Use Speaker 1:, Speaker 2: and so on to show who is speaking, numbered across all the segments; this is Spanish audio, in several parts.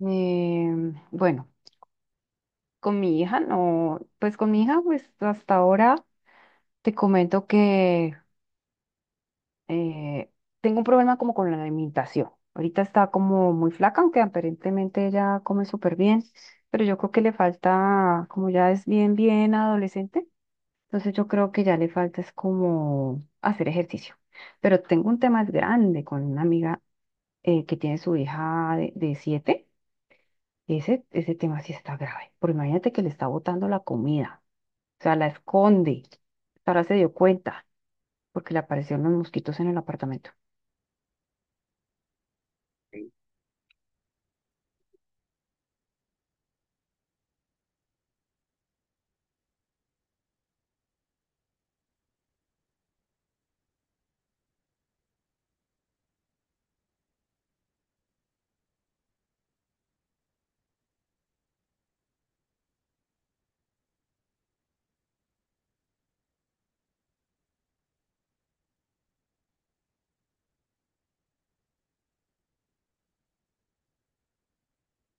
Speaker 1: Bueno, con mi hija no, pues con mi hija, pues hasta ahora te comento que eh, tengo un problema como con la alimentación. Ahorita está como muy flaca, aunque aparentemente ella come súper bien, pero yo creo que le falta, como ya es bien, bien adolescente, entonces yo creo que ya le falta es como hacer ejercicio. Pero tengo un tema grande con una amiga que tiene su hija de 7. Ese tema sí está grave, porque imagínate que le está botando la comida, o sea, la esconde. Ahora se dio cuenta, porque le aparecieron los mosquitos en el apartamento.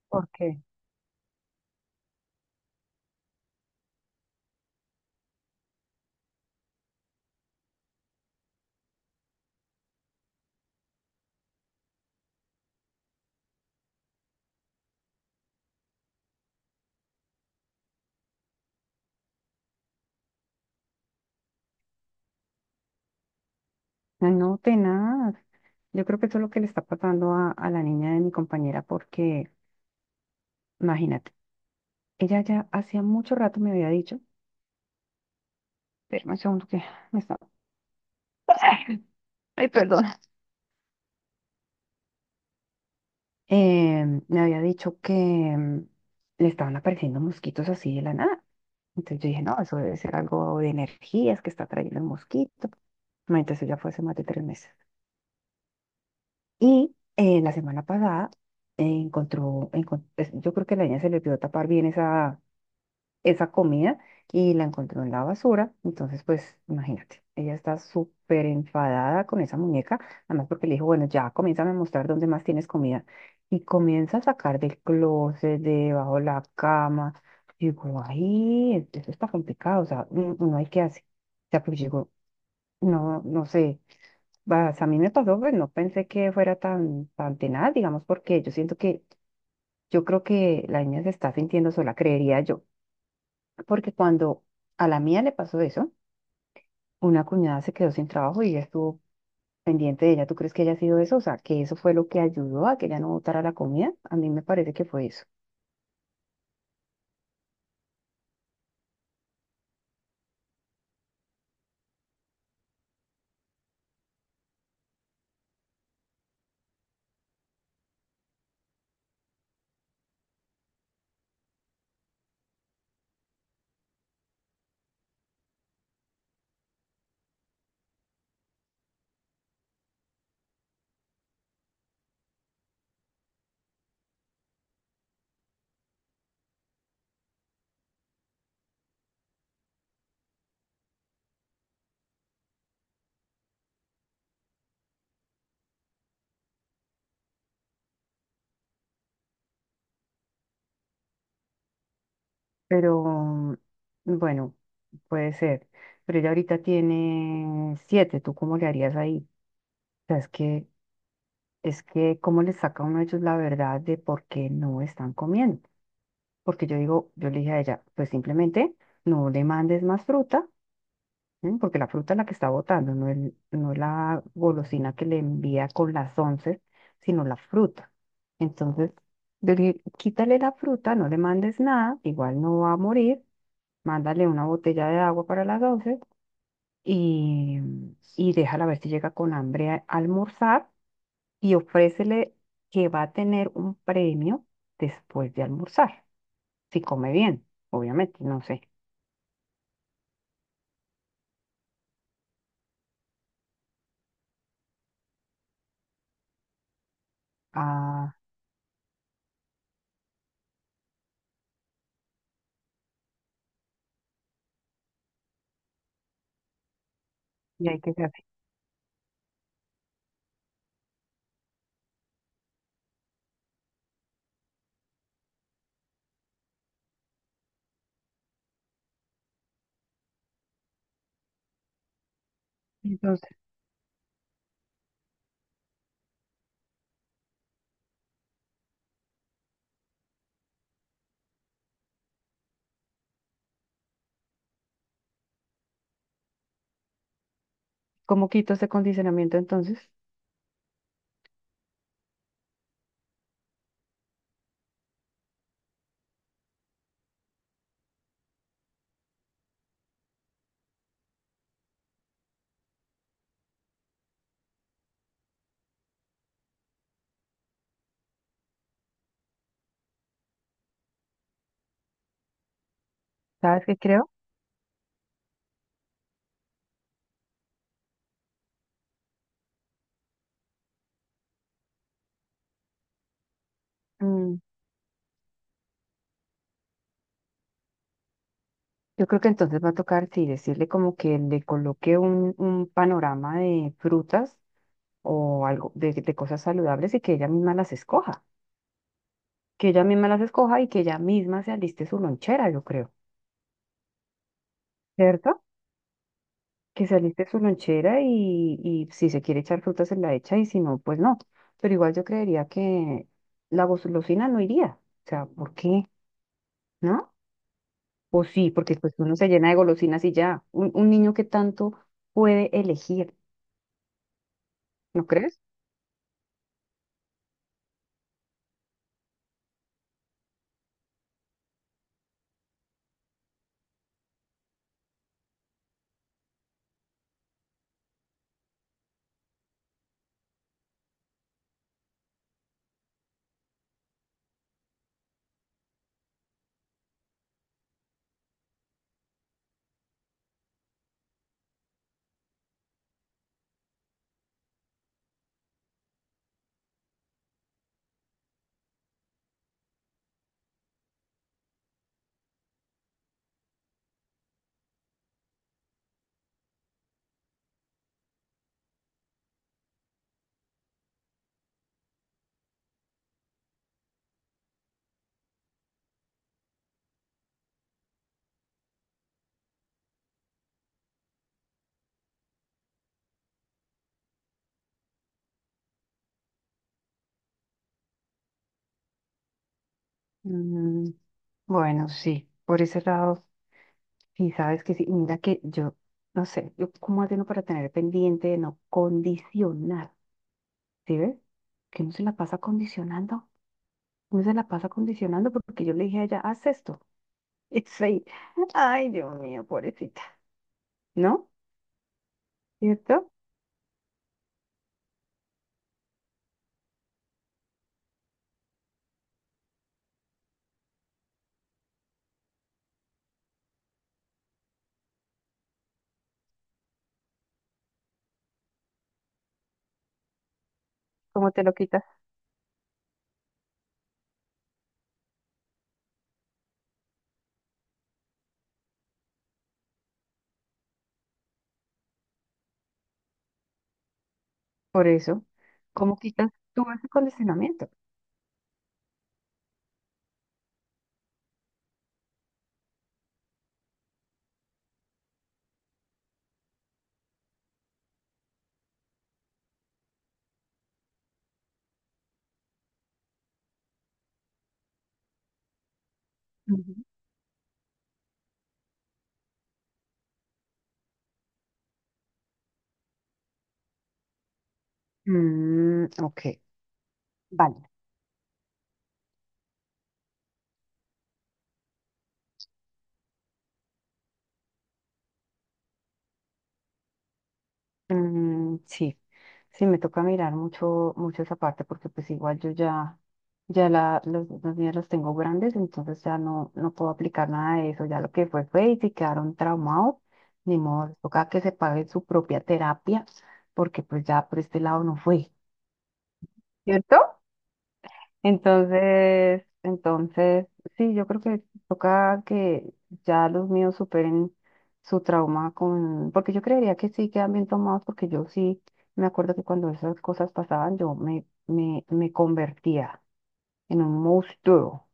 Speaker 1: ¿Por qué? Ay, no, tenaz. Yo creo que eso es lo que le está pasando a la niña de mi compañera, porque imagínate, ella ya hacía mucho rato me había dicho, espérame un segundo que me está, ay, perdón, me había dicho que le estaban apareciendo mosquitos así de la nada. Entonces yo dije, no, eso debe ser algo de energías que está trayendo el mosquito. No, entonces eso ya fue hace más de 3 meses. Y la semana pasada yo creo que la niña se le olvidó tapar bien esa comida y la encontró en la basura. Entonces, pues imagínate, ella está súper enfadada con esa muñeca, además porque le dijo, bueno, ya comienza a mostrar dónde más tienes comida. Y comienza a sacar del closet, de debajo de la cama. Digo, ay, eso está complicado, o sea, uno hay que hacer. O sea, pues digo, no, no sé, vas, a mí me pasó, pues no pensé que fuera tan, tan tenaz, digamos, porque yo siento que, yo creo que la niña se está sintiendo sola, creería yo porque cuando a la mía le pasó eso, una cuñada se quedó sin trabajo y ella estuvo pendiente de ella. ¿Tú crees que haya sido eso? O sea, que eso fue lo que ayudó a que ella no botara la comida. A mí me parece que fue eso. Pero bueno, puede ser. Pero ella ahorita tiene 7. ¿Tú cómo le harías ahí? O sea, es que, ¿cómo le saca uno de ellos la verdad de por qué no están comiendo? Porque yo digo, yo le dije a ella, pues simplemente no le mandes más fruta. Porque la fruta es la que está botando, no, el, no la golosina que le envía con las once, sino la fruta. Entonces, quítale la fruta, no le mandes nada, igual no va a morir, mándale una botella de agua para las once y, y déjala ver si llega con hambre a almorzar y ofrécele que va a tener un premio después de almorzar, si come bien, obviamente, no sé. Ah, y hay que hacer. ¿Cómo quito ese condicionamiento entonces? ¿Sabes qué creo? Mm, yo creo que entonces va a tocar, sí, decirle como que le coloque un, panorama de frutas o algo de cosas saludables y que ella misma las escoja. Que ella misma las escoja y que ella misma se aliste su lonchera, yo creo. ¿Cierto? Que se aliste su lonchera y si se quiere echar frutas se la echa y si no, pues no. Pero igual yo creería que la golosina no iría. O sea, ¿por qué? ¿No? O sí, porque pues uno se llena de golosinas y ya. Un niño que tanto puede elegir, ¿no crees? Mm, bueno, sí, por ese lado, sí, sabes que sí. Mira que yo, no sé, yo cómo hace uno para tener pendiente de no condicionar, ¿sí ves? Que uno se la pasa condicionando, uno se la pasa condicionando porque yo le dije a ella, haz esto. Y sí, ay, Dios mío, pobrecita, ¿no? ¿Cierto? ¿Cómo te lo quitas? Por eso, ¿cómo quitas tú ese condicionamiento? Ujú. Mm, ok, vale. Mm, sí, sí, me toca mirar mucho, mucho esa parte porque pues igual yo ya, ya la, los niños los tengo grandes, entonces ya no, no puedo aplicar nada de eso. Ya lo que fue fue y si quedaron traumados, ni modo, les toca que se pague su propia terapia porque pues ya por este lado no fue, ¿cierto? Entonces, entonces, sí, yo creo que toca que ya los míos superen su trauma con, porque yo creería que sí quedan bien tomados, porque yo sí me acuerdo que cuando esas cosas pasaban, yo me convertía en un monstruo,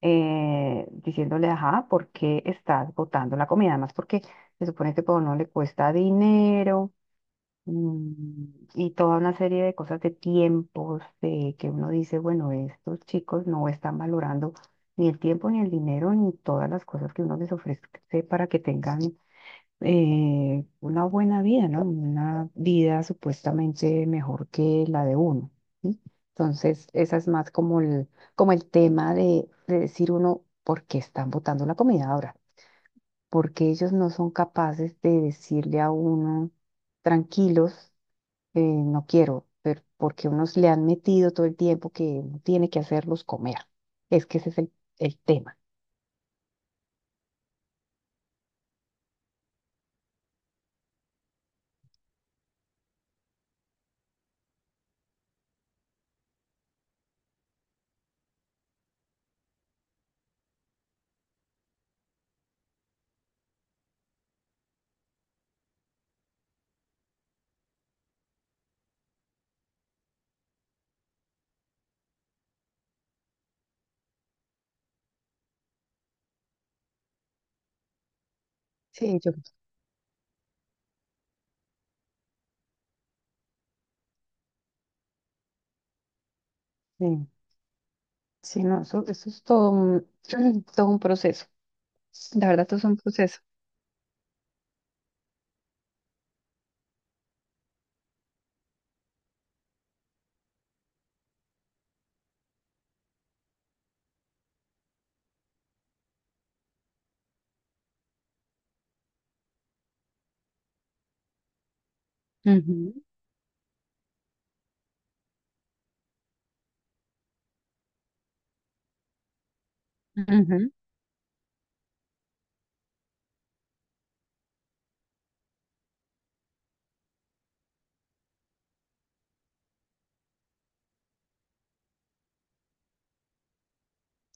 Speaker 1: diciéndole, ajá, ¿por qué estás botando la comida? Además, porque se supone que todo no le cuesta dinero. Mm. Y toda una serie de cosas de tiempos, de que uno dice, bueno, estos chicos no están valorando ni el tiempo, ni el dinero, ni todas las cosas que uno les ofrece para que tengan una buena vida, ¿no? Una vida supuestamente mejor que la de uno, ¿sí? Entonces, esa es más como el tema de decir uno, ¿por qué están botando la comida ahora? Porque ellos no son capaces de decirle a uno tranquilos no quiero, pero porque unos le han metido todo el tiempo que uno tiene que hacerlos comer. Es que ese es el tema. Sí, yo. Sí, sí, no, eso es todo un, todo un proceso. La verdad, todo es un proceso. Ujú, ujú,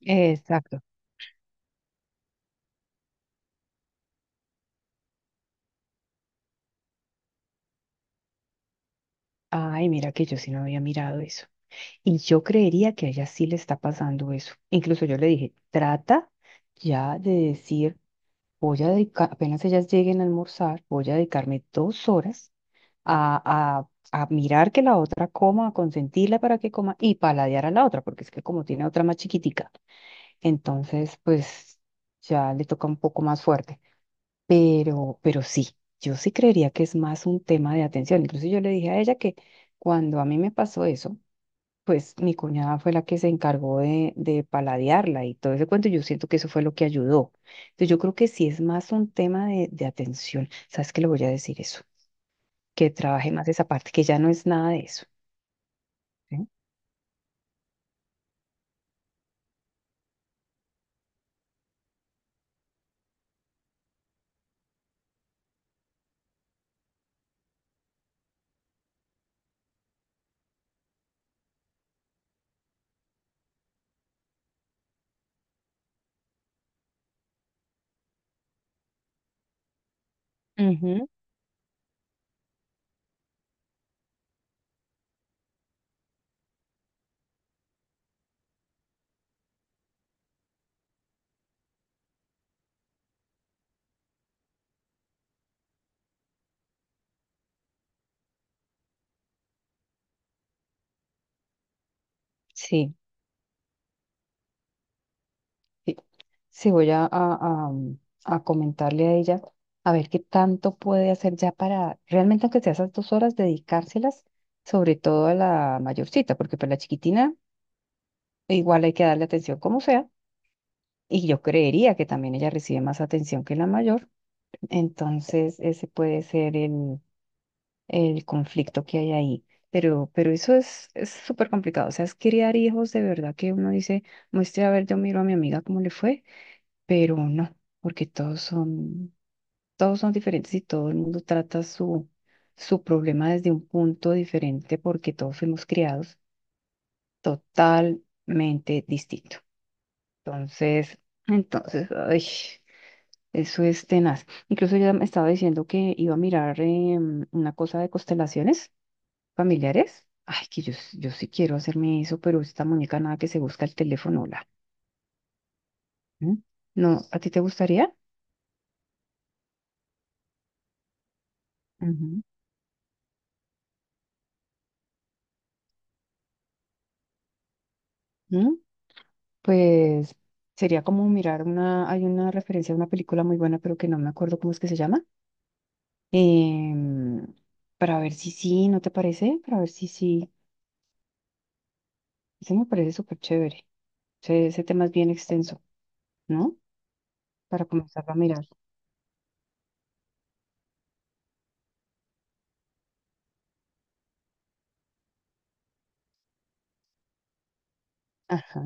Speaker 1: exacto. Ay, mira que yo sí no había mirado eso. Y yo creería que a ella sí le está pasando eso. Incluso yo le dije, trata ya de decir, voy a dedicar, apenas ellas lleguen a almorzar, voy a dedicarme 2 horas a, a mirar que la otra coma, a consentirla para que coma y paladear a la otra, porque es que como tiene otra más chiquitica, entonces pues ya le toca un poco más fuerte. Pero sí, yo sí creería que es más un tema de atención. Incluso yo le dije a ella que cuando a mí me pasó eso, pues mi cuñada fue la que se encargó de paladearla y todo ese cuento. Yo siento que eso fue lo que ayudó. Entonces yo creo que sí es más un tema de atención. ¿Sabes qué? Le voy a decir eso, que trabaje más esa parte, que ya no es nada de eso. ¿Sí? Ujú. Sí, sí. Sí, voy a, a comentarle a ella a ver qué tanto puede hacer ya para realmente, aunque sea esas dos horas, dedicárselas, sobre todo a la mayorcita, porque para la chiquitina igual hay que darle atención como sea, y yo creería que también ella recibe más atención que la mayor, entonces ese puede ser el conflicto que hay ahí. Pero eso es súper complicado. O sea, es criar hijos de verdad que uno dice, muestre, a ver, yo miro a mi amiga cómo le fue, pero no, porque todos son diferentes y todo el mundo trata su, su problema desde un punto diferente porque todos fuimos criados totalmente distinto. Entonces, entonces, ay, eso es tenaz. Incluso ella me estaba diciendo que iba a mirar una cosa de constelaciones familiares. Ay, que yo, yo sí quiero hacerme eso, pero esta muñeca nada que se busca el teléfono, la. ¿Mm? No, ¿a ti te gustaría? Ujú. ¿Mm? Pues sería como mirar una, hay una referencia a una película muy buena, pero que no me acuerdo cómo es que se llama. em, para ver si sí, ¿no te parece? Para ver si sí. Ese me parece súper chévere. Ese tema es bien extenso, ¿no? Para comenzar a mirar. Ajá.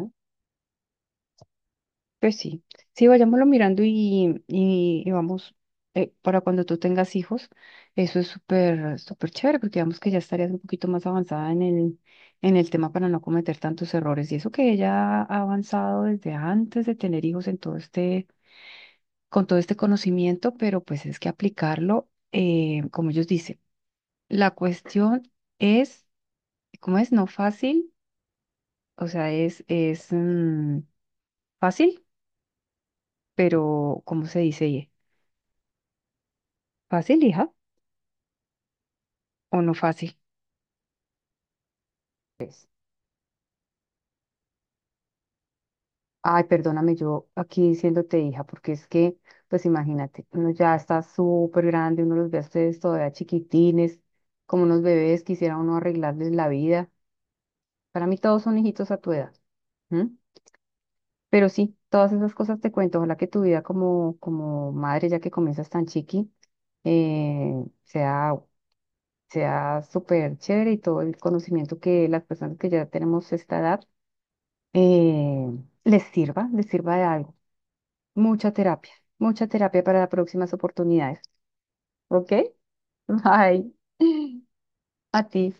Speaker 1: Pues sí, sí, vayámoslo mirando y vamos, para cuando tú tengas hijos, eso es súper, súper chévere, porque digamos que ya estarías un poquito más avanzada en el tema para no cometer tantos errores. Y eso que ella ha avanzado desde antes de tener hijos en todo este, con todo este conocimiento, pero pues es que aplicarlo, como ellos dicen, la cuestión es, ¿cómo es? No fácil, o sea, es, es fácil, pero ¿cómo se dice? ¿Fácil, hija? O no fácil. Pues, ay, perdóname yo aquí diciéndote hija, porque es que, pues imagínate, uno ya está súper grande, uno los ve a ustedes todavía chiquitines, como unos bebés, quisiera uno arreglarles la vida. Para mí todos son hijitos a tu edad. ¿Mm? Pero sí, todas esas cosas te cuento. Ojalá que tu vida como, como madre, ya que comienzas tan chiqui, eh, sea, sea súper chévere y todo el conocimiento que las personas que ya tenemos esta edad eh, les sirva de algo. Mucha terapia, mucha terapia para las próximas oportunidades. ¿Ok? Bye. A ti.